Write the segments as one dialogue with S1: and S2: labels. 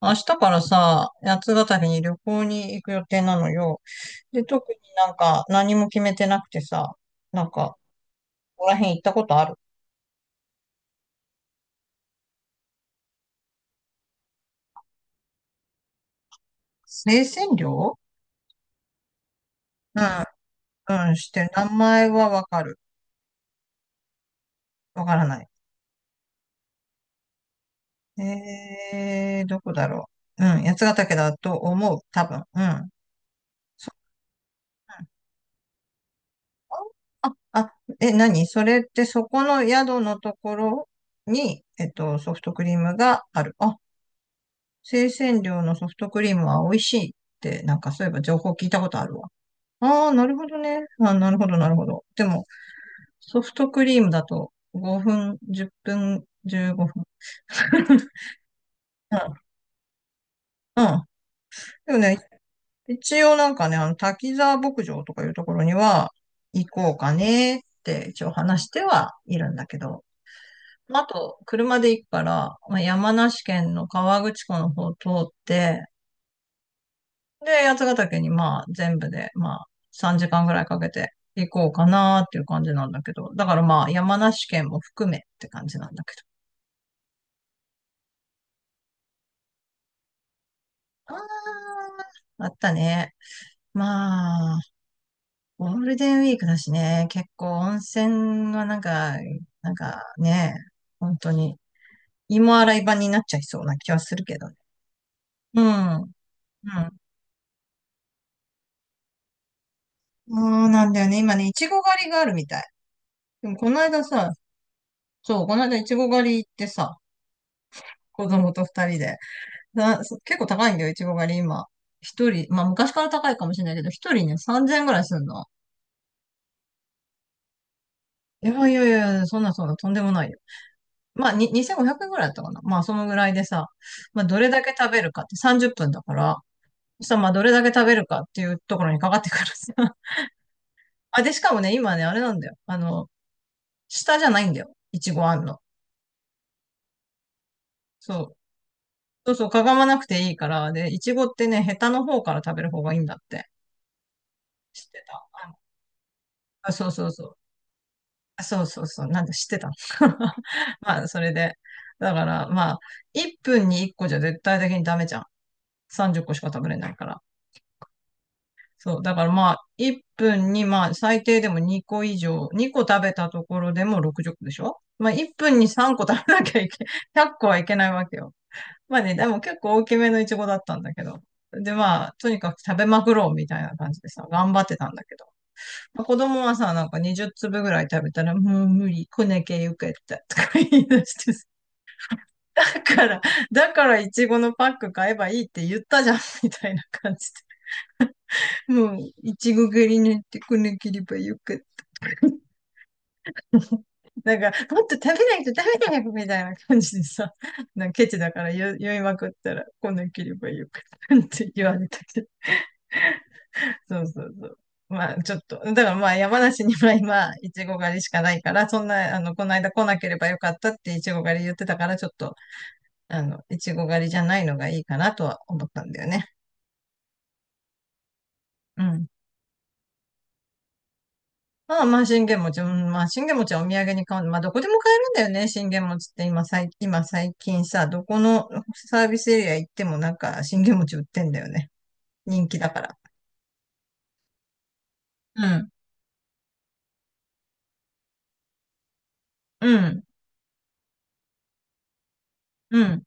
S1: 明日からさ、八ヶ岳に旅行に行く予定なのよ。で、特に何も決めてなくてさ、なんか、ここら辺行ったことある？生鮮料、うん、うん、して、名前はわかる。わからない。どこだろう。うん、八ヶ岳だと思う、多分。うん。そうんあ、あ、え、何それ？ってそこの宿のところに、ソフトクリームがある。あ、生鮮量のソフトクリームは美味しいって、そういえば情報聞いたことあるわ。ああ、なるほどね。あ、なるほど、なるほど。でも、ソフトクリームだと5分、10分、15分。うん。うん。でもね、一応なんかね、あの、滝沢牧場とかいうところには行こうかねって一応話してはいるんだけど。まあと、車で行くから、まあ、山梨県の河口湖の方を通って、で、八ヶ岳に、まあ全部でまあ3時間ぐらいかけて行こうかなっていう感じなんだけど、だからまあ山梨県も含めって感じなんだけど。ああ、あったね。まあ、ゴールデンウィークだしね、結構温泉がなんか、なんかね、本当に芋洗い場になっちゃいそうな気はするけどね。うん、うん。そうなんだよね。今ね、いちご狩りがあるみたい。でもこの間さ、そう、この間いちご狩り行ってさ、子供と二人で。結構高いんだよ、いちご狩り今。一人、まあ昔から高いかもしれないけど、一人ね、3000円ぐらいするの。いやいやいそんなとんでもないよ。まあ、に2500円ぐらいだったかな。まあ、そのぐらいでさ、まあ、どれだけ食べるかって30分だから、そしたらまあ、どれだけ食べるかっていうところにかかってくるさ。あ、で、しかもね、今ね、あれなんだよ。あの、下じゃないんだよ。いちごあんの。そう。そうそう、かがまなくていいから、で、いちごってね、ヘタの方から食べる方がいいんだって。知ってた？あ、そうそうそう。そうそうそう。なんで知ってたの？ まあ、それで。だから、まあ、1分に1個じゃ絶対的にダメじゃん。30個しか食べれないから。そう。だからまあ、1分にまあ、最低でも2個以上、2個食べたところでも60個でしょ。まあ、1分に3個食べなきゃいけ、100個はいけないわけよ。まあね、でも結構大きめのイチゴだったんだけど。でまあ、とにかく食べまくろうみたいな感じでさ、頑張ってたんだけど。まあ子供はさ、なんか20粒ぐらい食べたら、もう無理、こねけゆけたとか言い出してさ、だから、だからいちごのパック買えばいいって言ったじゃん、みたいな感じで。もう、いちご狩りに行ってこねければよかった。なんか、もっと食べないと食べないみたいな感じでさ、なんかケチだから言いまくったら、こねければよかったって言われたけど。そうそうそう。まあ、ちょっと、だからまあ、山梨には今、いちご狩りしかないから、そんな、あの、この間来なければよかったっていちご狩り言ってたから、ちょっと、あの、いちご狩りじゃないのがいいかなとは思ったんだよね。うん。まあまあ、信玄餅、うん、まあ、信玄餅はお土産に買う。まあ、どこでも買えるんだよね、信玄餅って今、今最近さ、どこのサービスエリア行ってもなんか、信玄餅売ってんだよね。人気だから。うん。うん。うん。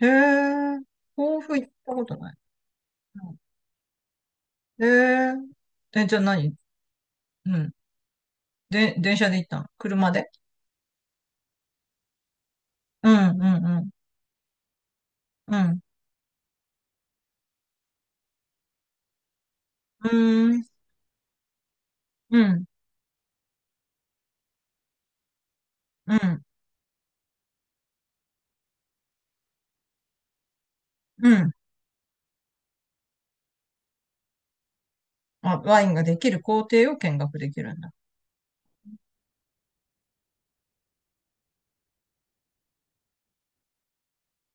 S1: へえ、豆腐行ったことない。えーえ、じゃあ何？うん。で、電車で行ったの？車で？うんうんうん。うん。うーん。うん。うん。うん。あ、ワインができる工程を見学できるんだ。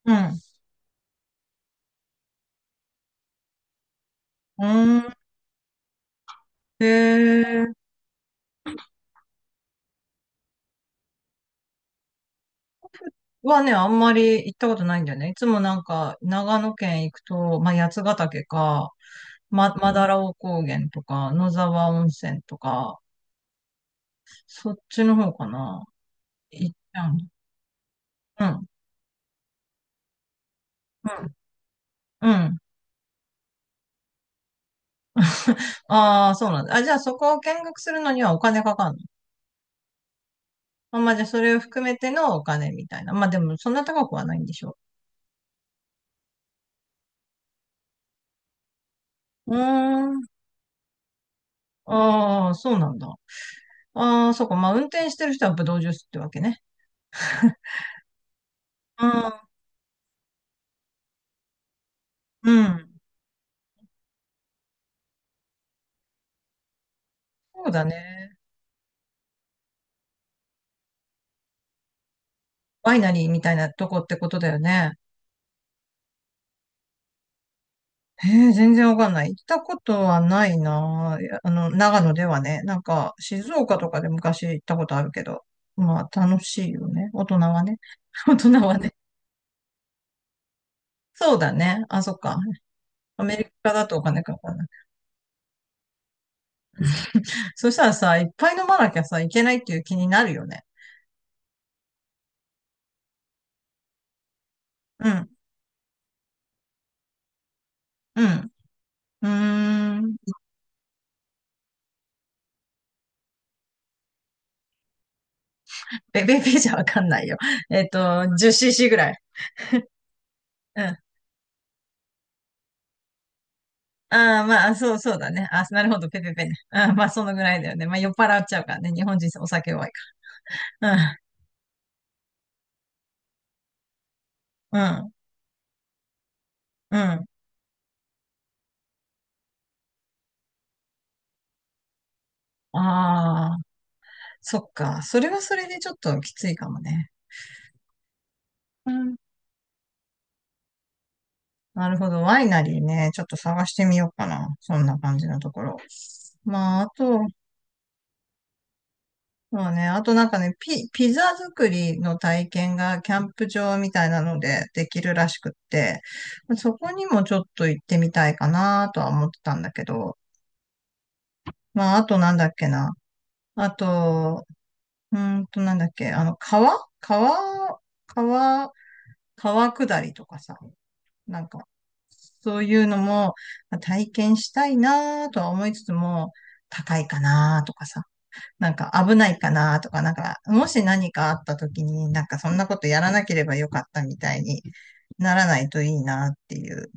S1: うん。うーん。へえ。はね、あんまり行ったことないんだよね。いつもなんか、長野県行くと、まあ、八ヶ岳か、マダラオ高原とか、野沢温泉とか、そっちの方かな。行っちゃうの。うん。うん。うん。 ああ、そうなんだ。あ、じゃあそこを見学するのにはお金かかんの？あ、まあじゃあそれを含めてのお金みたいな。まあでもそんな高くはないんでしょう？うーん。ああ、そうなんだ。ああ、そうか。まあ運転してる人はブドウジュースってわけね。うん。うん。そうだね。ワイナリーみたいなとこってことだよね。へえ、全然わかんない。行ったことはないな。いやあの、長野ではね。なんか、静岡とかで昔行ったことあるけど。まあ、楽しいよね。大人はね。大人はね。そうだね。あ、そっか。アメリカだとお金かかんない？そしたらさ、いっぱい飲まなきゃさ、いけないっていう気になるよね。うん。うん。うーん。ベベベじゃわかんないよ。えっと、10cc ぐらい。うん。ああ、まあ、そう、そうだね。あ、なるほど、ペペペね。うん、まあ、そのぐらいだよね。まあ、酔っ払っちゃうからね。日本人お酒弱いから。うん、うん、うん。ああ、そっか。それはそれでちょっときついかもね。うん、なるほど。ワイナリーね、ちょっと探してみようかな。そんな感じのところ。まあ、あと、まあね、あとなんかね、ピザ作りの体験がキャンプ場みたいなのでできるらしくって、そこにもちょっと行ってみたいかなとは思ってたんだけど、まあ、あとなんだっけな。あと、うーんとなんだっけ、あの、川川下りとかさ、なんか、そういうのもまあ体験したいなとは思いつつも、高いかなとかさ、なんか危ないかなとか、なんか、もし何かあった時に、なんかそんなことやらなければよかったみたいにならないといいなっていう。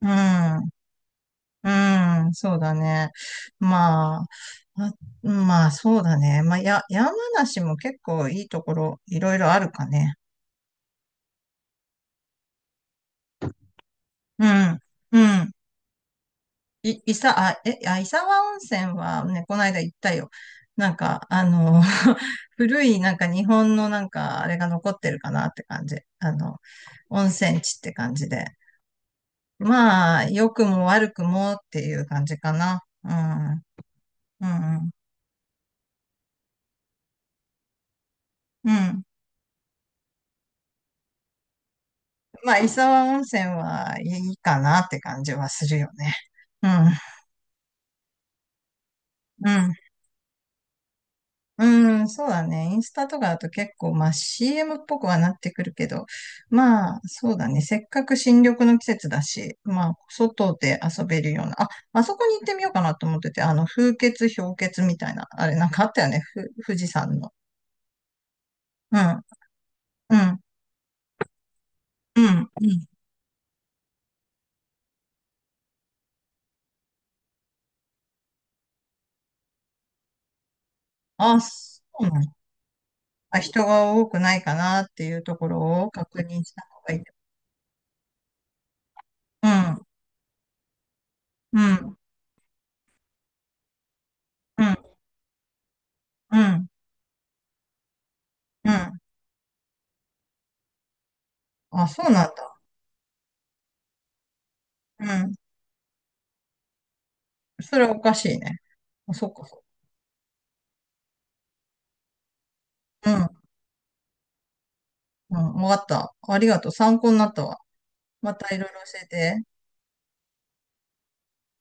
S1: うん、うん、そうだね。まあ、あまあ、そうだね。まあ、山梨も結構いいところ、いろいろあるかね。うん、うん。い、いさ、あ、え、あ、伊沢温泉はね、この間行ったよ。なんか、あの、古いなんか日本のなんかあれが残ってるかなって感じ。あの、温泉地って感じで。まあ、良くも悪くもっていう感じかな。うん。うん。うん。まあ、伊沢温泉はいいかなって感じはするよね。うん。うん。うん、そうだね。インスタとかだと結構、まあ CM っぽくはなってくるけど、まあそうだね。せっかく新緑の季節だし、まあ外で遊べるような、あ、あそこに行ってみようかなと思ってて、あの風穴、氷穴みたいな、あれなんかあったよね。富士山の。うん、うん、うん、うん。あ、そうなの？あ、人が多くないかなっていうところを確認した方がいい？うん、うん、うん、うん、うん。あ、そうなんだ。うん。それはおかしいね。あ、そっか。うん。うん。わかった。ありがとう。参考になったわ。またいろいろ教えて。